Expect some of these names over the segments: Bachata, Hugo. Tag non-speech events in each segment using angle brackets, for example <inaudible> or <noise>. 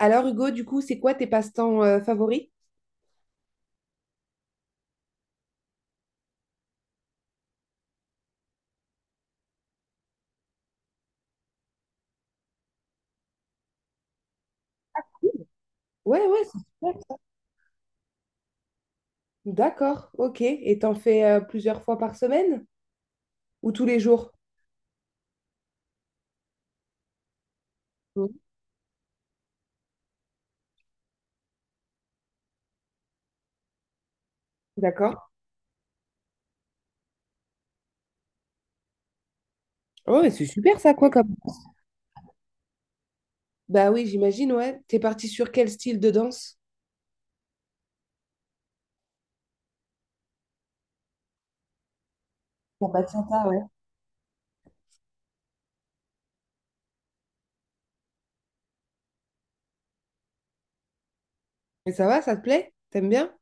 Alors, Hugo, du coup, c'est quoi tes passe-temps favoris? Ouais, ouais, c'est super ça. D'accord, ok. Et t'en fais plusieurs fois par semaine ou tous les jours? Mhm. D'accord. Oh, mais c'est super ça, quoi, comme. Bah oui, j'imagine, ouais. T'es parti sur quel style de danse? Pour Bachata, ouais. Et ça va, ça te plaît? T'aimes bien?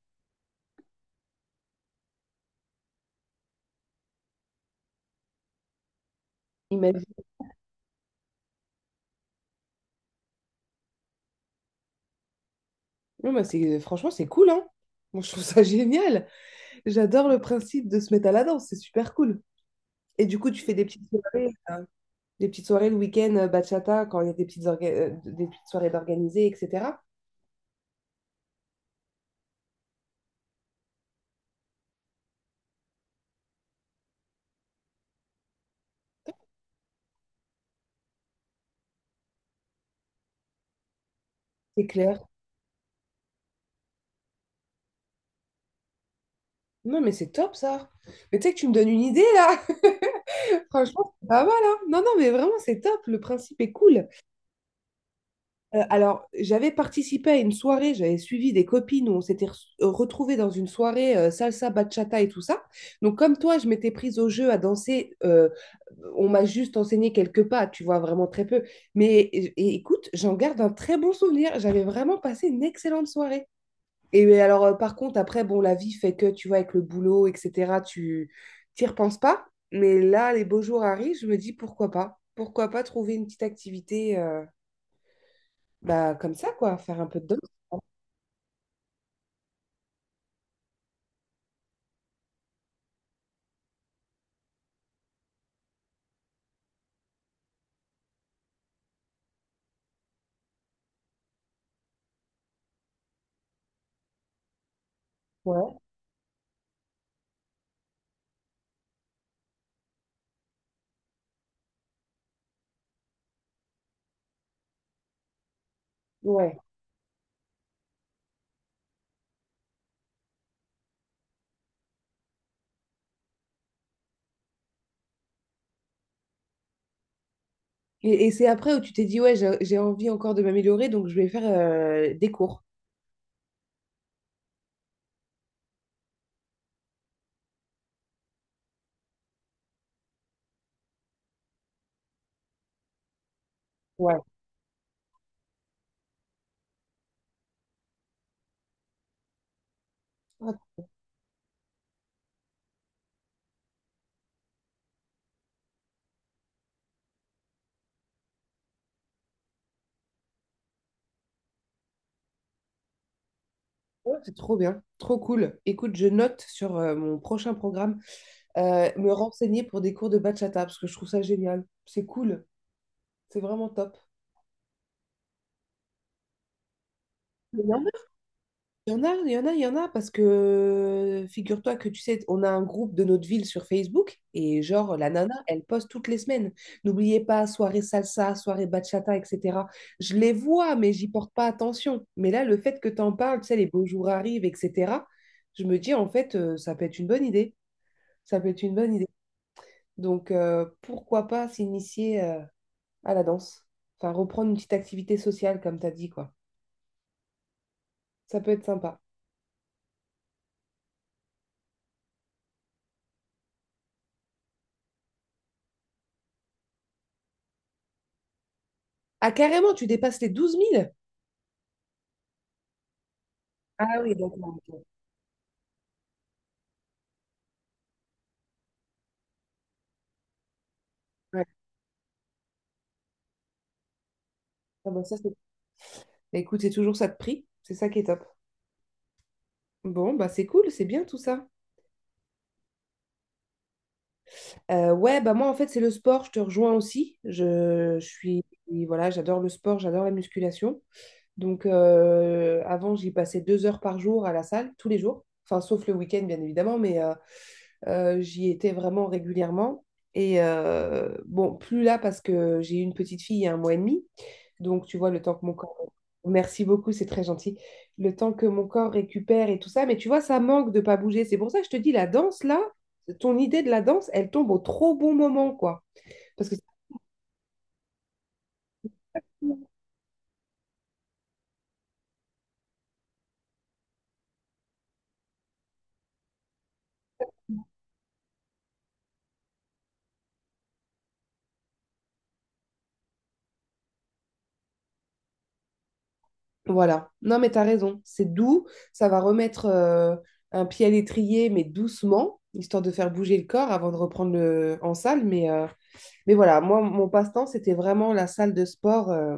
Imagine. Non, mais c'est franchement, c'est cool, hein? Moi, je trouve ça <laughs> génial. J'adore le principe de se mettre à la danse, c'est super cool. Et du coup, tu fais des petites soirées, des petites soirées le week-end, bachata, quand il y a des petites, des petites soirées d'organiser, etc. C'est clair. Non, mais c'est top ça. Mais tu sais que tu me donnes une idée là. <laughs> Franchement, c'est pas mal, hein. Non, non, mais vraiment, c'est top. Le principe est cool. Alors, j'avais participé à une soirée, j'avais suivi des copines où retrouvées dans une soirée salsa, bachata et tout ça. Donc, comme toi, je m'étais prise au jeu à danser. On m'a juste enseigné quelques pas, tu vois, vraiment très peu. Mais et écoute, j'en garde un très bon souvenir. J'avais vraiment passé une excellente soirée. Et alors, par contre, après, bon, la vie fait que, tu vois, avec le boulot, etc., tu t'y repenses pas. Mais là, les beaux jours arrivent, je me dis pourquoi pas? Pourquoi pas trouver une petite activité, bah, comme ça, quoi, faire un peu de danse. Ouais. Ouais. Et c'est après où tu t'es dit, ouais, j'ai envie encore de m'améliorer, donc je vais faire des cours. Ouais. Ah, ouais, c'est trop bien, trop cool. Écoute, je note sur mon prochain programme me renseigner pour des cours de bachata parce que je trouve ça génial. C'est cool, c'est vraiment top. Il y en a, il y en a, il y en a, parce que figure-toi que tu sais, on a un groupe de notre ville sur Facebook et genre la nana, elle poste toutes les semaines. N'oubliez pas, soirée salsa, soirée bachata, etc. Je les vois, mais j'y porte pas attention. Mais là, le fait que t'en parles, tu sais, les beaux jours arrivent, etc., je me dis en fait, ça peut être une bonne idée. Ça peut être une bonne idée. Donc, pourquoi pas s'initier à la danse? Enfin, reprendre une petite activité sociale, comme t'as dit, quoi. Ça peut être sympa. Ah, carrément, tu dépasses les 12 000. Ah oui, d'accord, ok. Ouais. Ah bah ça, c'est... Bah écoute, c'est toujours ça de prix. C'est ça qui est top. Bon, bah c'est cool, c'est bien tout ça. Ouais, bah moi en fait, c'est le sport, je te rejoins aussi. Je suis, voilà, j'adore le sport, j'adore la musculation. Donc avant, j'y passais deux heures par jour à la salle, tous les jours. Enfin, sauf le week-end, bien évidemment, mais j'y étais vraiment régulièrement. Et bon, plus là parce que j'ai eu une petite fille il y a un mois et demi. Donc, tu vois, le temps que mon corps... Merci beaucoup, c'est très gentil. Le temps que mon corps récupère et tout ça, mais tu vois, ça manque de pas bouger. C'est pour ça que je te dis, la danse, là, ton idée de la danse, elle tombe au trop bon moment, quoi. Parce que, voilà. Non, mais t'as raison. C'est doux, ça va remettre un pied à l'étrier, mais doucement, histoire de faire bouger le corps avant de reprendre le... en salle. Mais voilà, moi, mon passe-temps, c'était vraiment la salle de sport.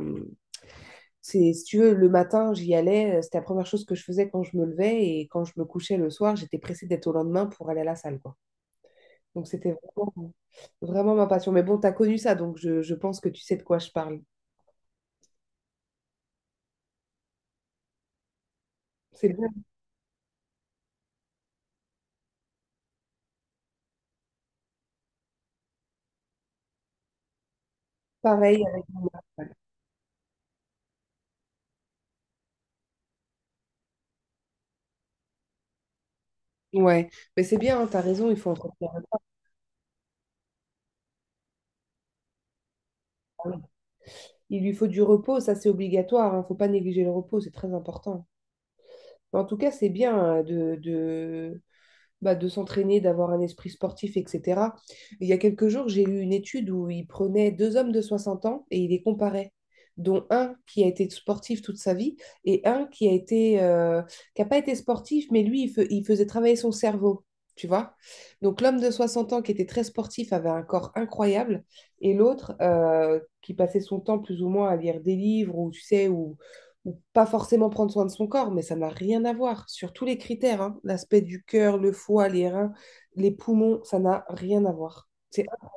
C'est, si tu veux, le matin, j'y allais, c'était la première chose que je faisais quand je me levais et quand je me couchais le soir, j'étais pressée d'être au lendemain pour aller à la salle, quoi. Donc c'était vraiment ma passion. Mais bon, tu as connu ça, donc je pense que tu sais de quoi je parle. C'est bien pareil avec mon mari. Ouais, mais c'est bien, hein, tu as raison, il faut entretenir le travail. Il lui faut du repos, ça c'est obligatoire, il faut pas négliger le repos, c'est très important. Mais en tout cas, c'est bien bah, de s'entraîner, d'avoir un esprit sportif, etc. Il y a quelques jours, j'ai lu une étude où il prenait deux hommes de 60 ans et il les comparait, dont un qui a été sportif toute sa vie et un qui a été qui n'a pas été sportif, mais lui, il faisait travailler son cerveau. Tu vois? Donc l'homme de 60 ans qui était très sportif avait un corps incroyable et l'autre qui passait son temps plus ou moins à lire des livres ou tu sais ou pas forcément prendre soin de son corps, mais ça n'a rien à voir sur tous les critères, hein. L'aspect du cœur, le foie, les reins, les poumons, ça n'a rien à voir. C'est un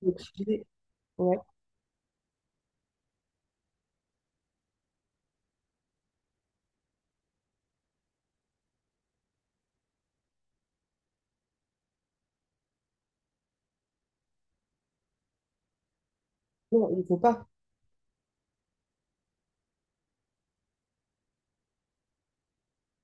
qui privé. Ouais. Non, il ne faut pas.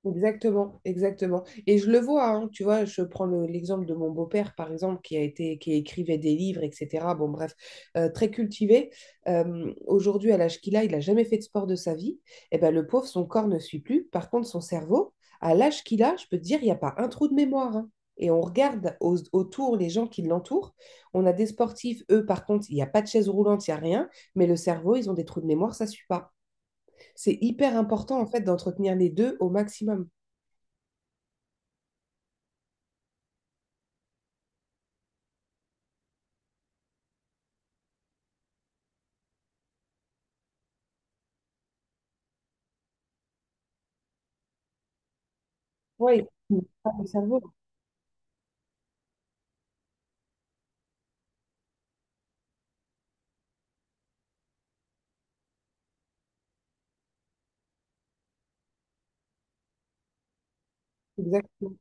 Exactement, exactement. Et je le vois, hein, tu vois, je prends l'exemple de mon beau-père, par exemple, qui a été, qui écrivait des livres, etc. Bon, bref, très cultivé. Aujourd'hui, à l'âge qu'il a, il n'a jamais fait de sport de sa vie. Et ben, le pauvre, son corps ne suit plus. Par contre, son cerveau, à l'âge qu'il a, je peux te dire, il n'y a pas un trou de mémoire, hein. Et on regarde autour les gens qui l'entourent. On a des sportifs, eux, par contre, il n'y a pas de chaise roulante, il n'y a rien. Mais le cerveau, ils ont des trous de mémoire, ça ne suit pas. C'est hyper important, en fait, d'entretenir les deux au maximum. Oui, le cerveau, exactement.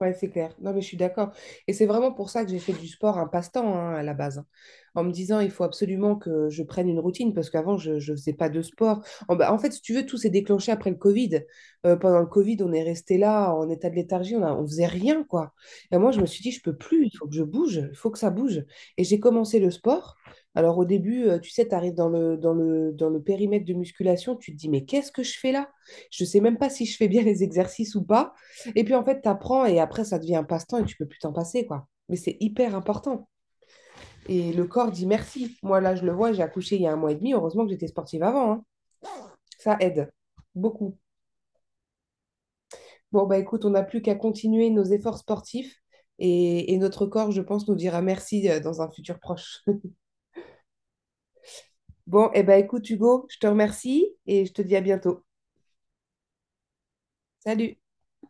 Ouais, c'est clair. Non, mais je suis d'accord. Et c'est vraiment pour ça que j'ai fait du sport un passe-temps, hein, à la base, hein. En me disant, il faut absolument que je prenne une routine parce qu'avant, je ne faisais pas de sport. En, bah, en fait, si tu veux, tout s'est déclenché après le Covid. Pendant le Covid, on est resté là en état de léthargie, on faisait rien, quoi. Et moi, je me suis dit, je peux plus, il faut que je bouge, il faut que ça bouge. Et j'ai commencé le sport. Alors au début, tu sais, tu arrives dans le périmètre de musculation, tu te dis, mais qu'est-ce que je fais là? Je ne sais même pas si je fais bien les exercices ou pas. Et puis en fait, tu apprends et après, ça devient un passe-temps et tu peux plus t'en passer, quoi. Mais c'est hyper important. Et le corps dit merci. Moi, là, je le vois, j'ai accouché il y a un mois et demi. Heureusement que j'étais sportive avant, hein. Ça aide beaucoup. Bon, bah écoute, on n'a plus qu'à continuer nos efforts sportifs. Et notre corps, je pense, nous dira merci dans un futur proche. <laughs> Bon, et ben écoute, Hugo, je te remercie et je te dis à bientôt. Salut!